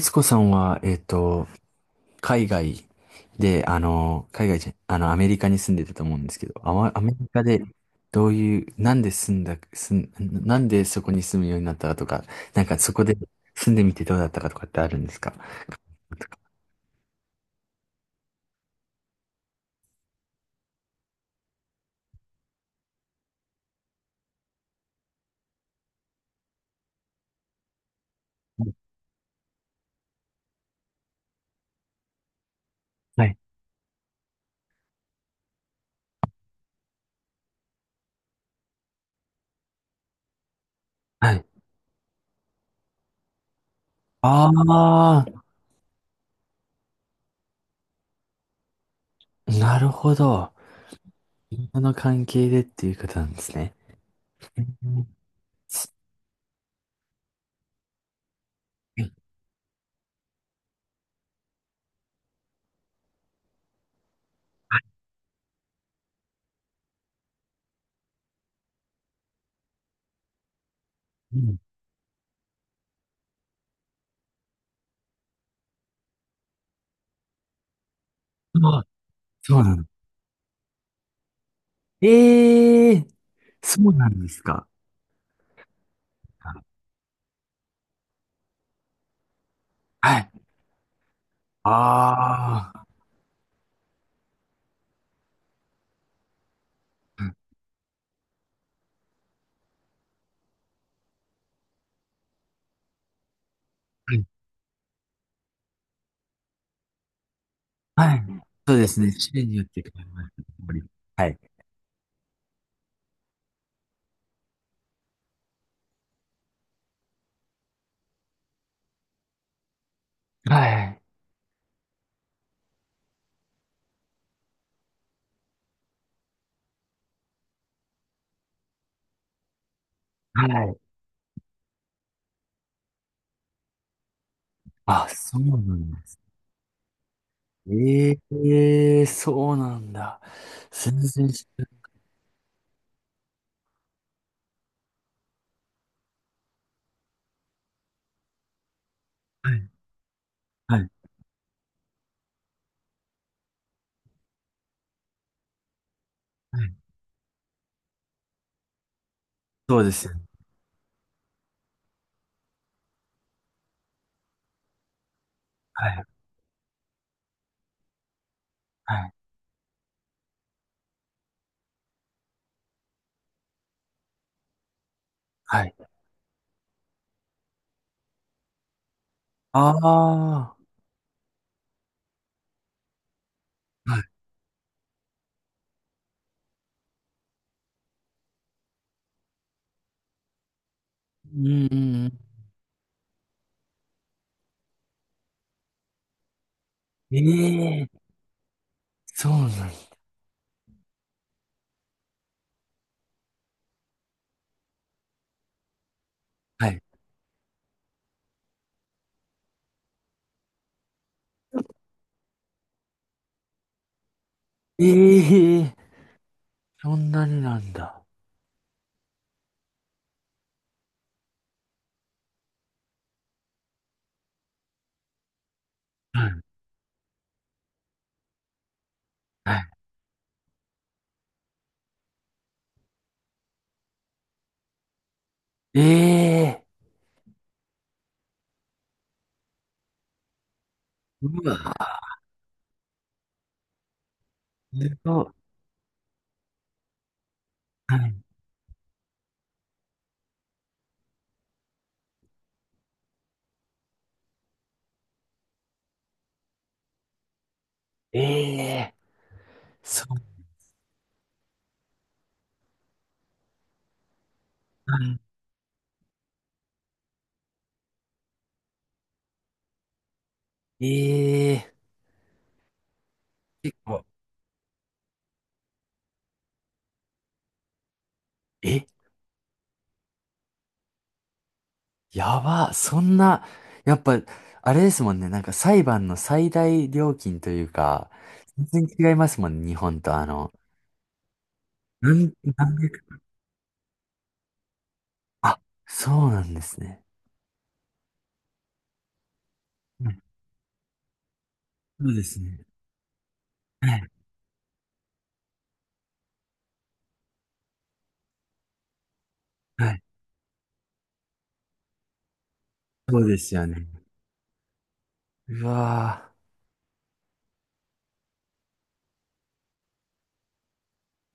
スコさんは、海外で、あの、海外じゃ、あの、アメリカに住んでたと思うんですけど、アメリカで、どういう、なんで住んだ、住ん、なんでそこに住むようになったかとか、なんかそこで住んでみてどうだったかとかってあるんですか？はい。はい。ああ、なるほど。その関係でっていうことなんですね。うん。すうん。あ、そうなの。ええ、そうなんですか？はい。ああ。はい。そうですね。種類によって変わります。やっぱり。はい。はい。はい。あ、そうなんです。ええ、そうなんだ。全然知らない。はい。はい。はい。そうですよね。はい。はい。はい。ああ、はい。うんうんうん。ええ、そうなんだ。はい。ええ、そんなになんだ。はい。はい。ええ、うわ。すごい。はい。ええ、そう。なんだ。ええ。結構、え、やば、そんな、やっぱ、あれですもんね、なんか裁判の最大料金というか、全然違いますもんね、日本と何百、あ、そうなんですね。うん、そうですね。はい、はい。そうですよね。うわ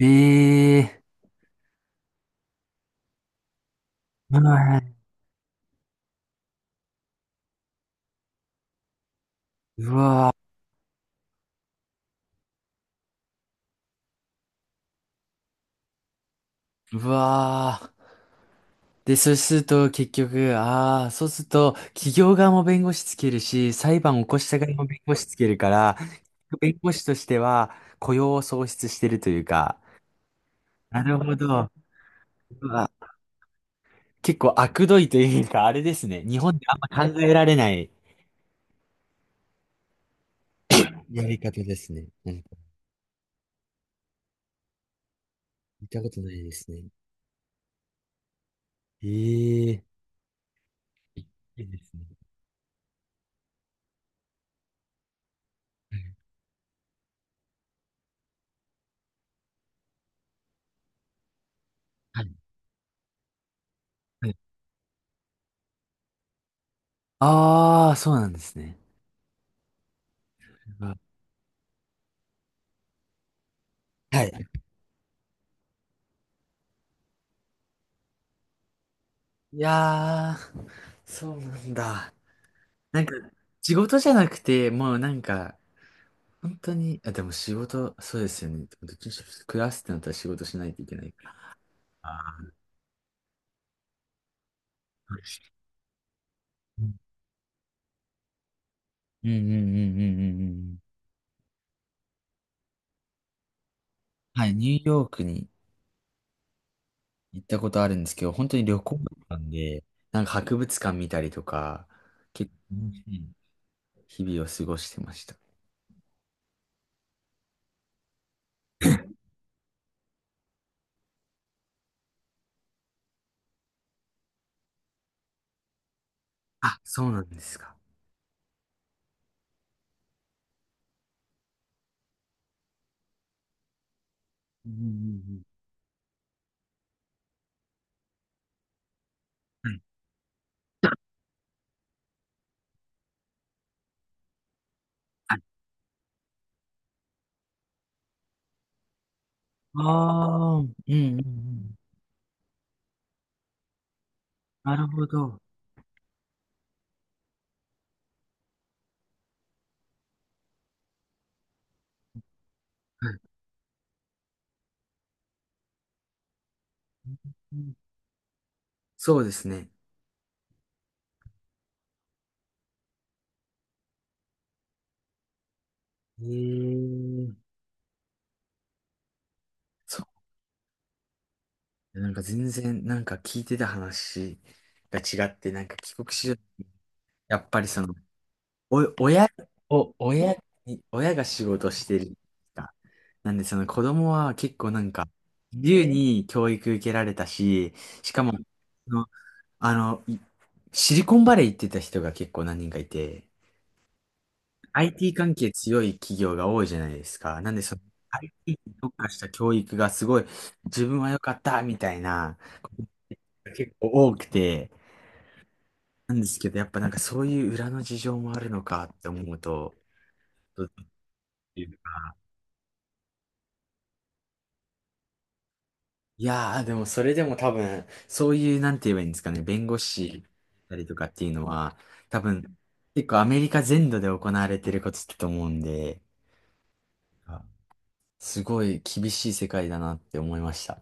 ぁ、ええー、はい、うわぁ、うわぁ。で、そうすると結局、ああ、そうすると企業側も弁護士つけるし、裁判を起こした側も弁護士つけるから、弁護士としては雇用を創出してるというか、なるほど。うわ。結構悪どいというか、あれですね。日本であんま考えられないやり方ですね。なんか見たことないですね。ええ、いいですね。はい。はい。ああー、そうなんですね。うわ。はい。いやー、そうなんだ。なんか、仕事じゃなくて、もうなんか、本当に、あ、でも仕事、そうですよね。どっちにしろ暮らすってなったら仕事しないといけないから。ああ、うんうんうんうんうんうんうん。はい、ニューヨークに行ったことあるんですけど、本当に旅行だったんで、なんか博物館見たりとか、結構楽しい日々を過ごしてました。あ、そうなんですか。うんうんうんうん。はい。ああー、うんうんうん。なるほど。はい。そうですね。えー、そう。なんか全然、なんか聞いてた話が違って、なんか帰国子女、やっぱりその、お、親お親に、親が仕事してるか。なんでその子供は結構なんか、自由に教育受けられたし、しかも、そのあの、いシリコンバレー行ってた人が結構何人かいて、IT 関係強い企業が多いじゃないですか。なんでその IT に特化した教育がすごい自分は良かったみたいなことが結構多くて、なんですけど、やっぱなんかそういう裏の事情もあるのかって思うと、どうっていうかいやー、でもそれでも多分、そういう、なんて言えばいいんですかね、弁護士だったりとかっていうのは、多分、結構アメリカ全土で行われてることだと思うんで、あ、すごい厳しい世界だなって思いました。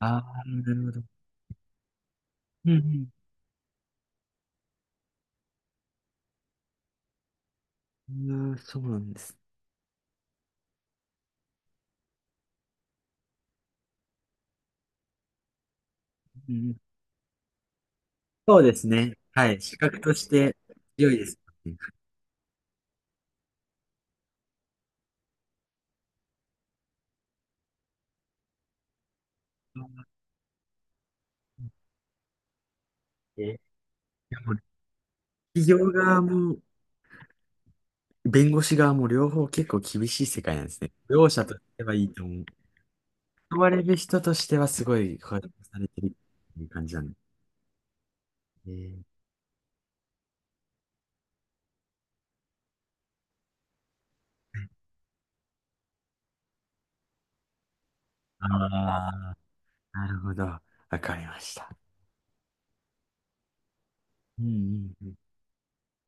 ああ、なるほど。うんうん。あー、そうなんです。うん、そうですね。はい。資格として強いですね。えーえでも、企業側も弁護士側も両方結構厳しい世界なんですね。両者としてはいいと思う。問われる人としてはすごい保障されてるっていう感じなんですね。ああ、なるほど。わかりました。うんうんうん。